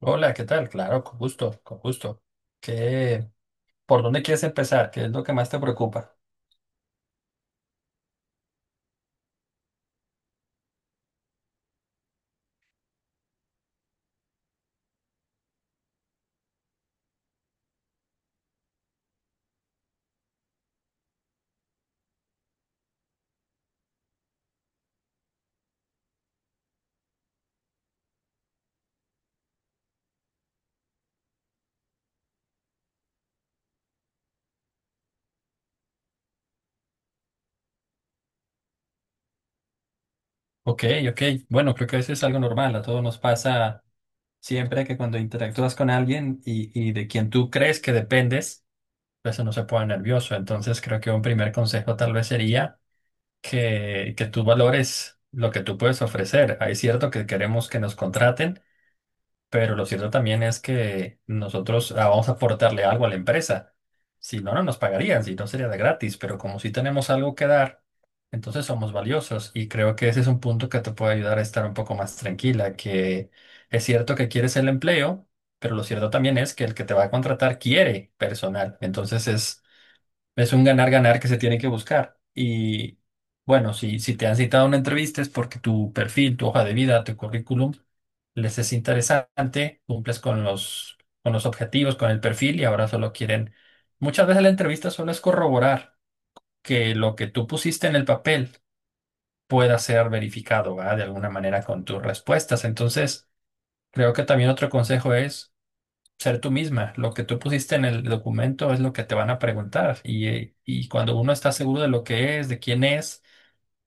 Hola, ¿qué tal? Claro, con gusto, con gusto. ¿Qué, ¿Por dónde quieres empezar? ¿Qué es lo que más te preocupa? Ok, ok. Bueno, creo que eso es algo normal. A todos nos pasa siempre que cuando interactúas con alguien y de quien tú crees que dependes, pues uno se pone nervioso. Entonces creo que un primer consejo tal vez sería que tú valores lo que tú puedes ofrecer. Hay cierto que queremos que nos contraten. Pero lo cierto también es que nosotros vamos a aportarle algo a la empresa. Si no, no nos pagarían, si no sería de gratis, pero como si tenemos algo que dar, entonces somos valiosos y creo que ese es un punto que te puede ayudar a estar un poco más tranquila, que es cierto que quieres el empleo, pero lo cierto también es que el que te va a contratar quiere personal. Entonces es un ganar-ganar que se tiene que buscar. Y bueno, si te han citado a una entrevista es porque tu perfil, tu hoja de vida, tu currículum les es interesante, cumples con los objetivos, con el perfil y ahora solo quieren... Muchas veces la entrevista solo es corroborar que lo que tú pusiste en el papel pueda ser verificado, ¿verdad? De alguna manera con tus respuestas. Entonces, creo que también otro consejo es ser tú misma. Lo que tú pusiste en el documento es lo que te van a preguntar. Y cuando uno está seguro de lo que es, de quién es,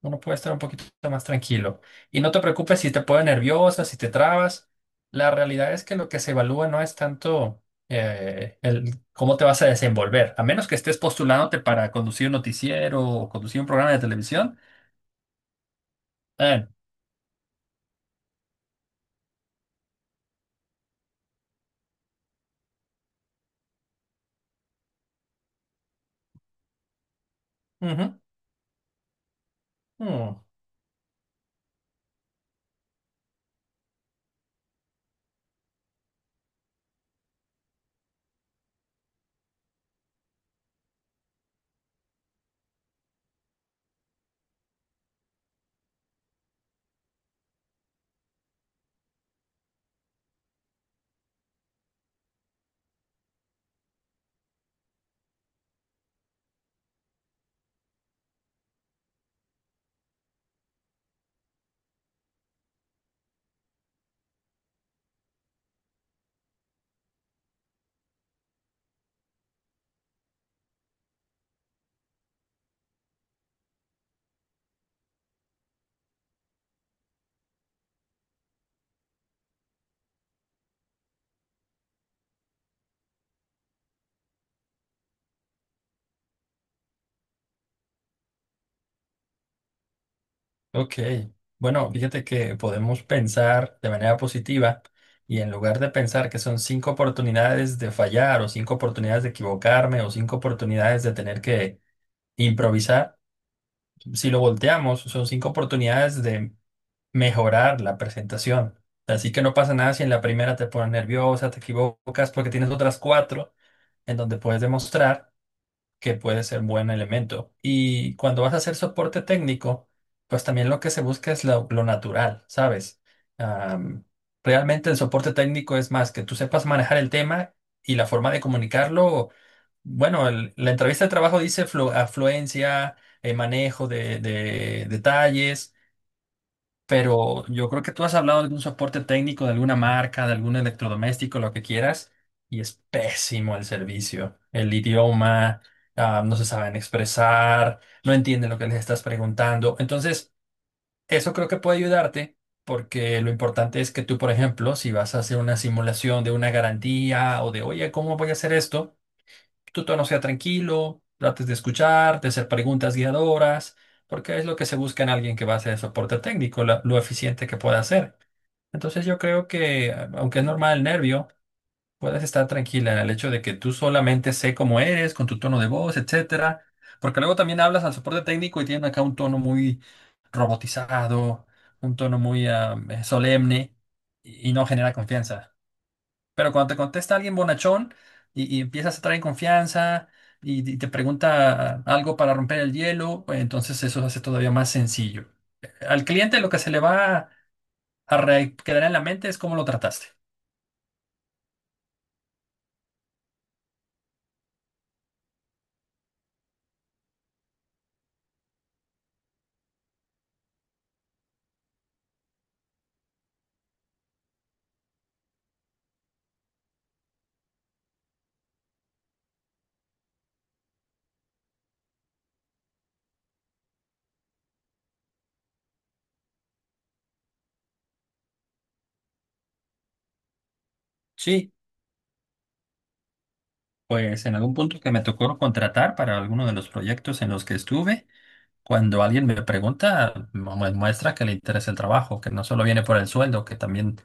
uno puede estar un poquito más tranquilo. Y no te preocupes si te pones nerviosa, si te trabas. La realidad es que lo que se evalúa no es tanto el cómo te vas a desenvolver, a menos que estés postulándote para conducir un noticiero o conducir un programa de televisión. Eh, Ujú. Mm. Ok, bueno, fíjate que podemos pensar de manera positiva y en lugar de pensar que son cinco oportunidades de fallar o cinco oportunidades de equivocarme o cinco oportunidades de tener que improvisar, si lo volteamos, son cinco oportunidades de mejorar la presentación. Así que no pasa nada si en la primera te pones nerviosa, te equivocas porque tienes otras cuatro en donde puedes demostrar que puede ser buen elemento. Y cuando vas a hacer soporte técnico, pues también lo que se busca es lo natural, ¿sabes? Am, Realmente el soporte técnico es más que tú sepas manejar el tema y la forma de comunicarlo. Bueno, la entrevista de trabajo dice afluencia, manejo de detalles pero yo creo que tú has hablado de algún soporte técnico de alguna marca, de algún electrodoméstico, lo que quieras, y es pésimo el servicio. El idioma, no se saben expresar, no entienden lo que les estás preguntando. Entonces, eso creo que puede ayudarte porque lo importante es que tú, por ejemplo, si vas a hacer una simulación de una garantía o de, oye, ¿cómo voy a hacer esto? Tu tono sea tranquilo, trates de escuchar, de hacer preguntas guiadoras, porque es lo que se busca en alguien que va a hacer soporte técnico, lo eficiente que pueda hacer. Entonces yo creo que, aunque es normal el nervio, puedes estar tranquila en el hecho de que tú solamente sé cómo eres, con tu tono de voz, etcétera, porque luego también hablas al soporte técnico y tienen acá un tono muy robotizado, un tono muy solemne y no genera confianza. Pero cuando te contesta alguien bonachón y empiezas a traer confianza y te pregunta algo para romper el hielo, pues entonces eso se hace todavía más sencillo. Al cliente lo que se le va a quedar en la mente es cómo lo trataste. Sí, pues en algún punto que me tocó contratar para alguno de los proyectos en los que estuve. Cuando alguien me pregunta, muestra que le interesa el trabajo, que no solo viene por el sueldo, que también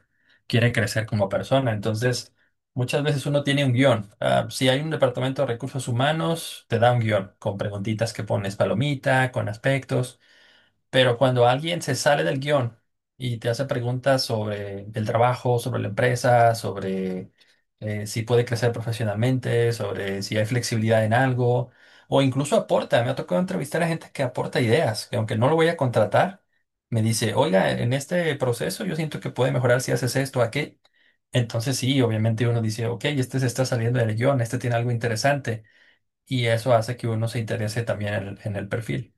quiere crecer como persona. Entonces, muchas veces uno tiene un guión. Ah, si hay un departamento de recursos humanos, te da un guión con preguntitas que pones palomita, con aspectos. Pero cuando alguien se sale del guión y te hace preguntas sobre el trabajo, sobre la empresa, sobre si puede crecer profesionalmente, sobre si hay flexibilidad en algo, o incluso aporta, me ha tocado entrevistar a gente que aporta ideas, que aunque no lo voy a contratar, me dice, oiga, en este proceso yo siento que puede mejorar si haces esto, aquello. Entonces sí, obviamente uno dice, ok, este se está saliendo del guión, este tiene algo interesante, y eso hace que uno se interese también en el perfil.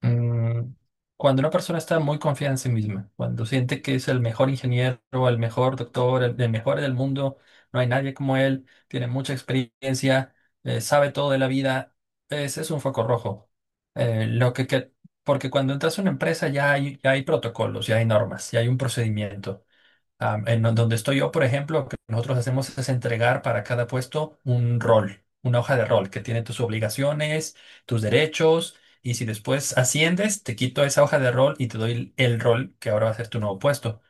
Mm. Cuando una persona está muy confiada en sí misma, cuando siente que es el mejor ingeniero, el mejor doctor, el mejor del mundo, no hay nadie como él, tiene mucha experiencia, sabe todo de la vida, ese es un foco rojo. Eh, lo que, que- Porque cuando entras a una empresa ya hay protocolos, ya hay normas, ya hay un procedimiento. Am, en no, Donde estoy yo, por ejemplo, lo que nosotros hacemos es entregar para cada puesto un rol, una hoja de rol que tiene tus obligaciones, tus derechos, y si después asciendes, te quito esa hoja de rol y te doy el rol que ahora va a ser tu nuevo puesto.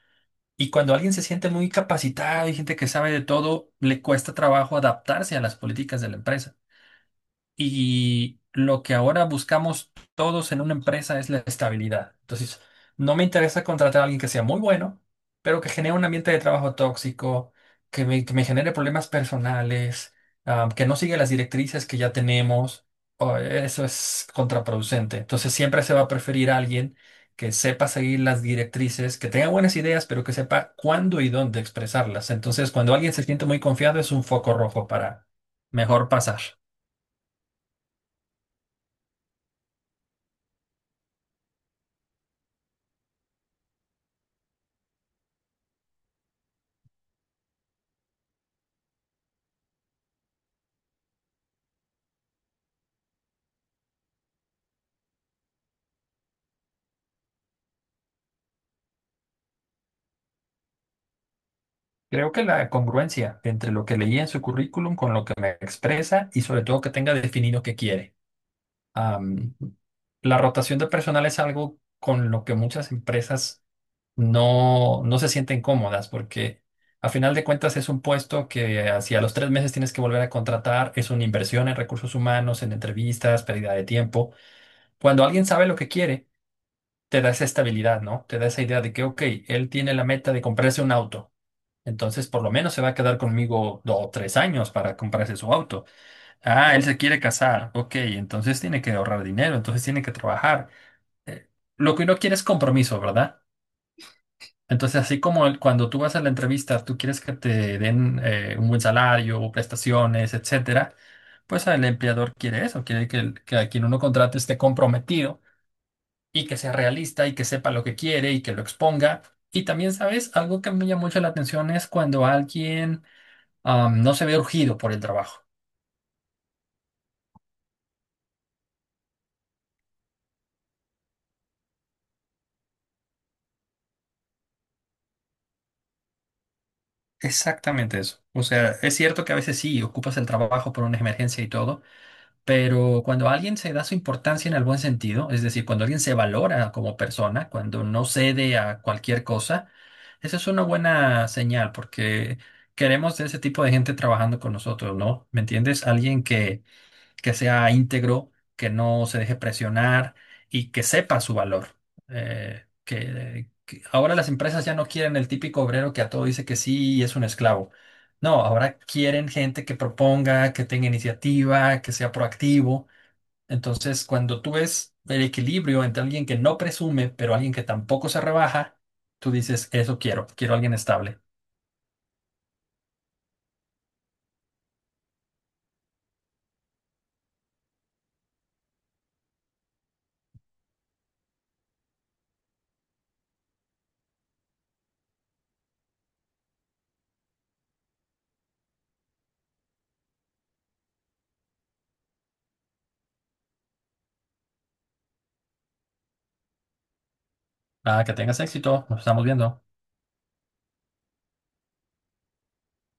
Y cuando alguien se siente muy capacitado y gente que sabe de todo, le cuesta trabajo adaptarse a las políticas de la empresa. Y lo que ahora buscamos todos en una empresa es la estabilidad. Entonces, no me interesa contratar a alguien que sea muy bueno, pero que genere un ambiente de trabajo tóxico, que me genere problemas personales, que no siga las directrices que ya tenemos. O eso es contraproducente. Entonces, siempre se va a preferir a alguien que sepa seguir las directrices, que tenga buenas ideas, pero que sepa cuándo y dónde expresarlas. Entonces, cuando alguien se siente muy confiado, es un foco rojo para mejor pasar. Creo que la congruencia entre lo que leí en su currículum con lo que me expresa y sobre todo que tenga definido qué quiere. Am, la rotación de personal es algo con lo que muchas empresas no, no se sienten cómodas porque a final de cuentas es un puesto que hacia los 3 meses tienes que volver a contratar, es una inversión en recursos humanos, en entrevistas, pérdida de tiempo. Cuando alguien sabe lo que quiere, te da esa estabilidad, ¿no? Te da esa idea de que, ok, él tiene la meta de comprarse un auto. Entonces, por lo menos se va a quedar conmigo 2 o 3 años para comprarse su auto. Ah, él se quiere casar. Ok, entonces tiene que ahorrar dinero, entonces tiene que trabajar. Eh, lo que uno quiere es compromiso, ¿verdad? Entonces, así como cuando tú vas a la entrevista, tú quieres que te den un buen salario, prestaciones, etcétera, pues el empleador quiere eso, quiere que a quien uno contrate esté comprometido y que sea realista y que sepa lo que quiere y que lo exponga. Y también, ¿sabes? Algo que me llama mucho la atención es cuando alguien no se ve urgido por el trabajo. Exactamente eso. O sea, es cierto que a veces sí ocupas el trabajo por una emergencia y todo, pero cuando alguien se da su importancia en el buen sentido, es decir, cuando alguien se valora como persona, cuando no cede a cualquier cosa, esa es una buena señal porque queremos ese tipo de gente trabajando con nosotros, ¿no? ¿Me entiendes? Alguien que sea íntegro, que no se deje presionar y que sepa su valor. Que ahora las empresas ya no quieren el típico obrero que a todo dice que sí y es un esclavo. No, ahora quieren gente que proponga, que tenga iniciativa, que sea proactivo. Entonces, cuando tú ves el equilibrio entre alguien que no presume, pero alguien que tampoco se rebaja, tú dices, eso quiero, quiero alguien estable. Ah, que tengas éxito, nos estamos viendo.